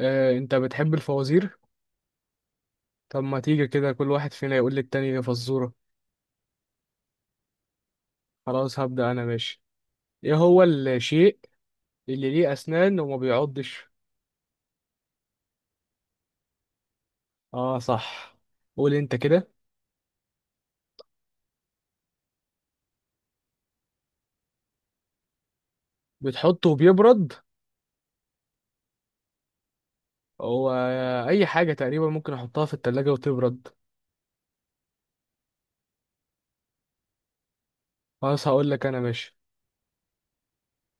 انت بتحب الفوازير. طب ما تيجي كده كل واحد فينا يقول للتاني فزورة. خلاص هبدأ انا ماشي. ايه هو الشيء اللي ليه اسنان وما بيعضش؟ اه صح. قول انت كده. بتحطه وبيبرد. هو اي حاجة تقريبا ممكن احطها في التلاجة وتبرد. خلاص هقول لك انا ماشي.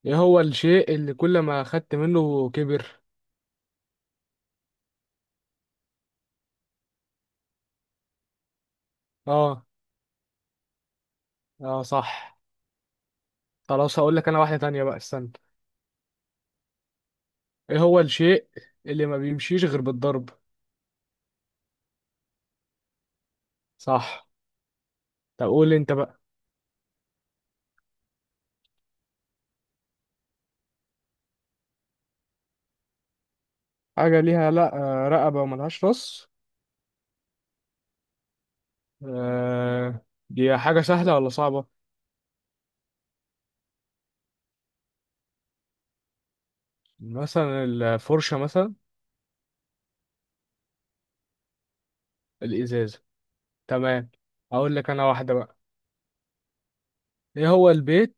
ايه هو الشيء اللي كل ما اخدت منه كبر؟ اه اه صح. خلاص هقول لك انا واحدة تانية بقى استنى. ايه هو الشيء اللي ما بيمشيش غير بالضرب؟ صح. طب قول انت بقى. حاجة ليها لا رقبة وملهاش راس. دي حاجة سهلة ولا صعبة؟ مثلا الفرشة مثلا. الإزازة. تمام. أقول لك أنا واحدة بقى. إيه هو البيت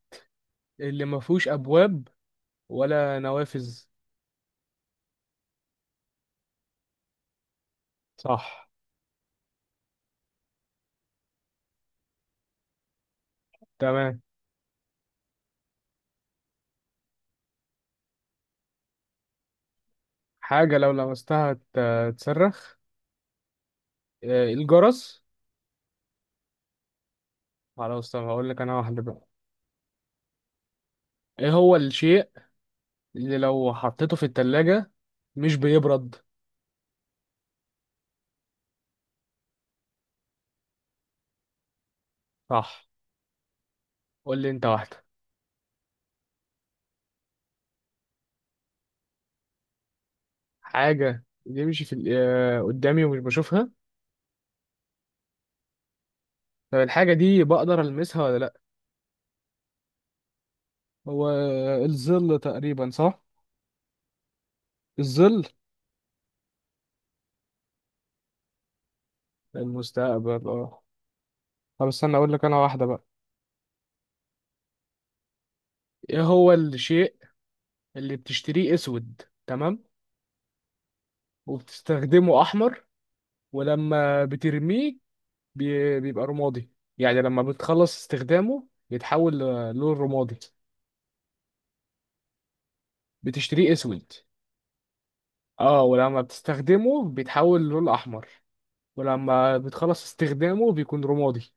اللي مفهوش أبواب ولا نوافذ؟ صح. تمام. حاجة لو لمستها تصرخ. الجرس. خلاص طب هقول لك أنا واحدة بقى. إيه هو الشيء اللي لو حطيته في التلاجة مش بيبرد؟ صح. قول لي أنت واحدة. حاجة بيمشي في ال- آه، قدامي ومش بشوفها. طب الحاجة دي بقدر ألمسها ولا لأ؟ هو الظل تقريبا صح. الظل. المستقبل اه. طب استنى أقول لك أنا واحدة بقى. إيه هو الشيء اللي بتشتريه أسود تمام، وبتستخدمه أحمر، ولما بترميه بيبقى رمادي. يعني لما بتخلص استخدامه بيتحول للون رمادي. بتشتريه أسود. اه ولما بتستخدمه بيتحول للون أحمر. ولما بتخلص استخدامه بيكون رمادي.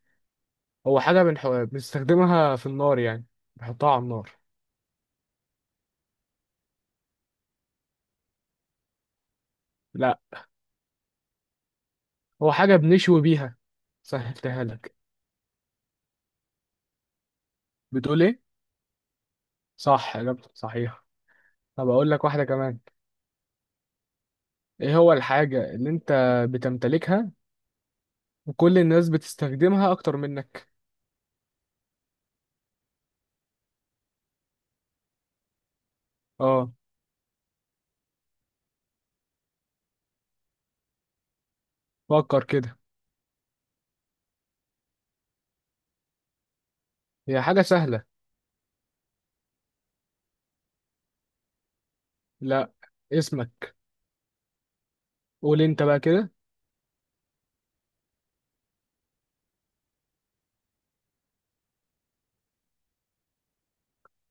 هو حاجة بنستخدمها في النار يعني. بنحطها على النار. لا هو حاجة بنشوي بيها. سهلتها لك. بتقول ايه؟ صح، إجابتك صحيحة. طب أقول لك واحدة كمان. ايه هو الحاجة اللي انت بتمتلكها وكل الناس بتستخدمها أكتر منك؟ اه فكر كده. هي حاجة سهلة. لا، اسمك. قول انت بقى كده.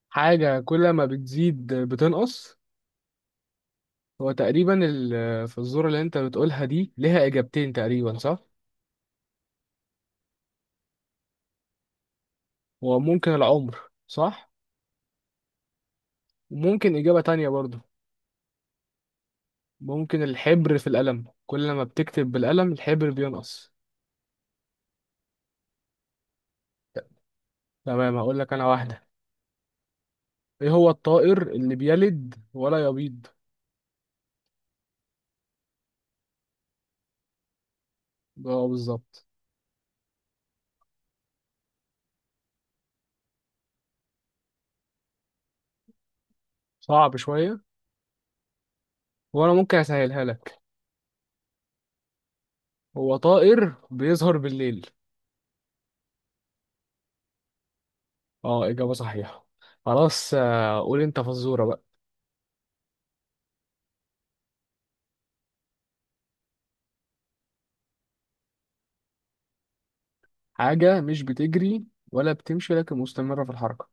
حاجة كل ما بتزيد بتنقص. هو تقريبا الفزورة اللي انت بتقولها دي ليها اجابتين تقريبا صح. وممكن العمر. صح. وممكن اجابة تانية برضو. ممكن الحبر في القلم، كل ما بتكتب بالقلم الحبر بينقص. تمام هقول لك انا واحدة. ايه هو الطائر اللي بيلد ولا يبيض؟ اه بالظبط. صعب شوية. وانا ممكن اسهلها لك. هو طائر بيظهر بالليل. اه اجابة صحيحة. خلاص قول انت فزورة بقى. حاجة مش بتجري ولا بتمشي لكن مستمرة في الحركة.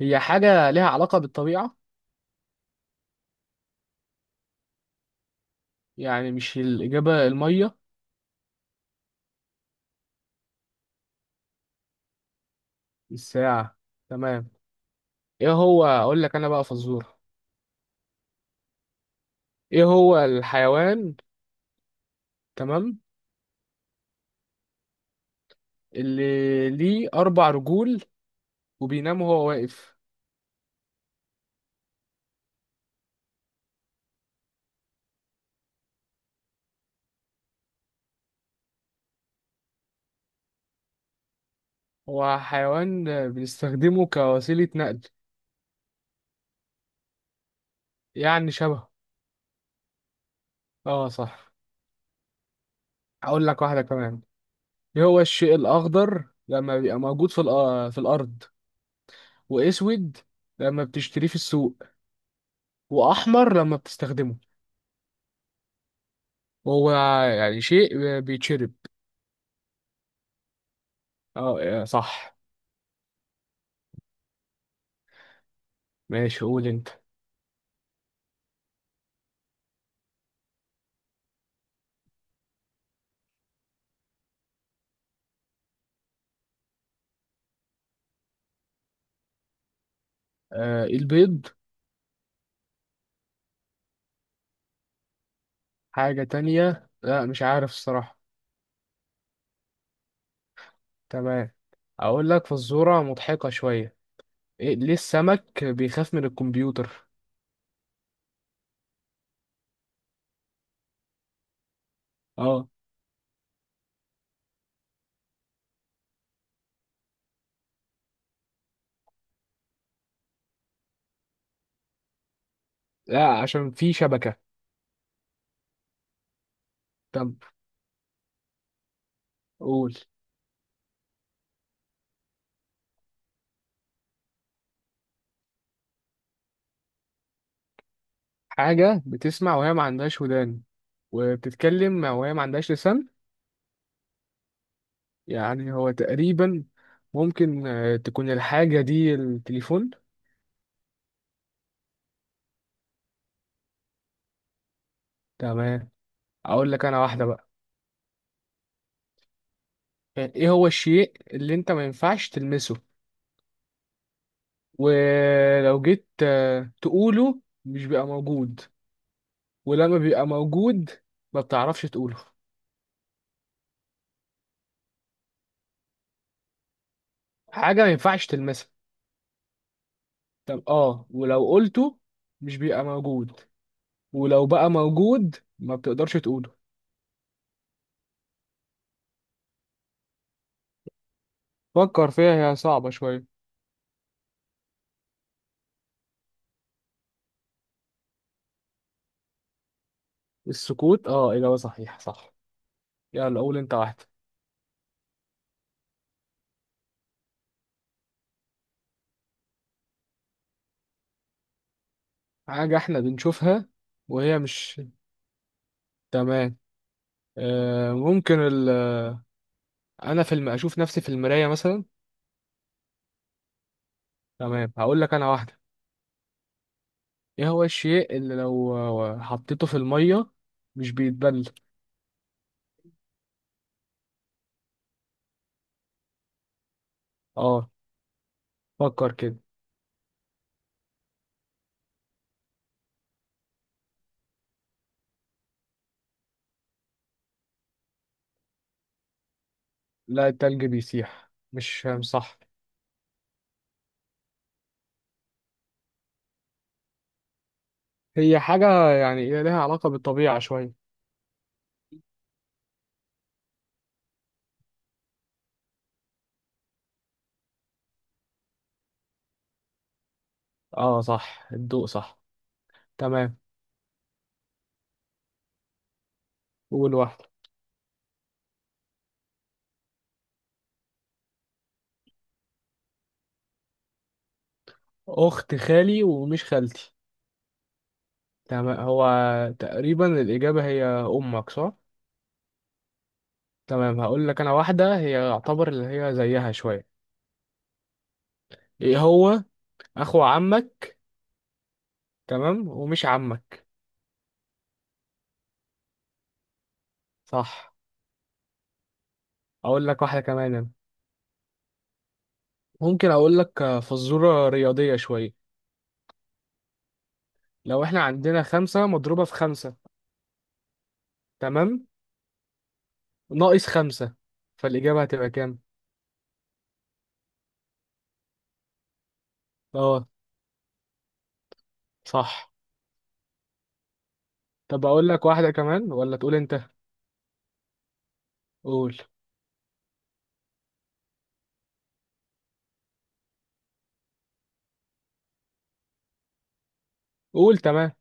هي حاجة ليها علاقة بالطبيعة؟ يعني مش الإجابة المية. الساعة. تمام. إيه هو أقول لك أنا بقى فزورة. إيه هو الحيوان، تمام، اللي ليه أربع رجول وبينام وهو واقف؟ هو حيوان بنستخدمه كوسيلة نقل. يعني شبه. آه صح. أقول لك واحدة كمان. إيه هو الشيء الأخضر لما بيبقى موجود في الأرض، وأسود لما بتشتريه في السوق، وأحمر لما بتستخدمه. هو يعني شيء بيتشرب. اه صح. ماشي قول انت. آه، البيض. حاجة تانية لا مش عارف الصراحة. تمام. اقول لك فزورة مضحكة شوية. إيه ليه السمك بيخاف من الكمبيوتر؟ اه. لا عشان في شبكة. طب قول. حاجة بتسمع وهي ما عندهاش ودان، وبتتكلم وهي ما عندهاش لسان. يعني هو تقريبا ممكن تكون الحاجة دي التليفون. تمام. اقول لك انا واحدة بقى. يعني ايه هو الشيء اللي انت ما ينفعش تلمسه، ولو جيت تقوله مش بيبقى موجود، ولما بيبقى موجود ما بتعرفش تقوله. حاجة ما ينفعش تلمسها. طب اه، ولو قلته مش بيبقى موجود، ولو بقى موجود ما بتقدرش تقوله. فكر فيها هي صعبة شوية. السكوت اه إجابة صحيحة صح. يلا قول انت واحدة. حاجة احنا بنشوفها وهي مش. تمام. آه ممكن انا اشوف نفسي في المراية مثلا. تمام هقول لك انا واحده. ايه هو الشيء اللي لو حطيته في الميه مش بيتبل؟ اه فكر كده. لا التلج بيسيح، مش صح. هي حاجه يعني إيه لها علاقه بالطبيعه شويه. اه صح الضوء صح. تمام. قول واحده. اخت خالي ومش خالتي. تمام هو تقريبا الاجابه هي امك صح. تمام هقول لك انا واحده هي يعتبر اللي هي زيها شويه. ايه هو اخو عمك، تمام، ومش عمك. صح. اقول لك واحده كمان أنا. ممكن اقول لك فزوره رياضيه شويه. لو احنا عندنا خمسة مضروبة في خمسة، تمام، ناقص خمسة، فالإجابة هتبقى كام؟ اه صح. طب أقول لك واحدة كمان ولا تقول أنت؟ قول قول. تمام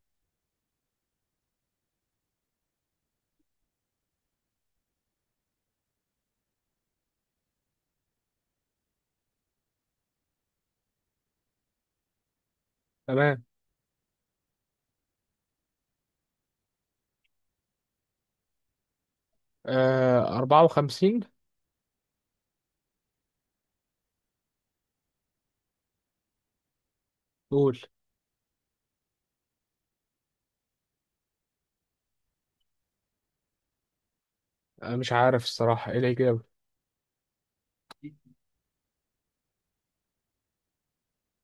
تمام. آه 54. قول. مش عارف الصراحة إيه الإجابة.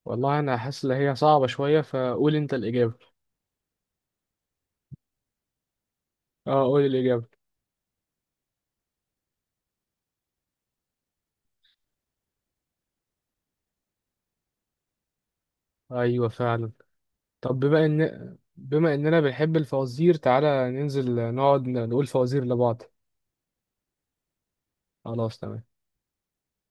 والله أنا حاسس إن هي صعبة شوية، فقول أنت الإجابة. اه قول الإجابة. أيوة فعلا. طب بما اننا بنحب الفوازير، تعالى ننزل نقعد نقول فوازير لبعض. خلاص تمام.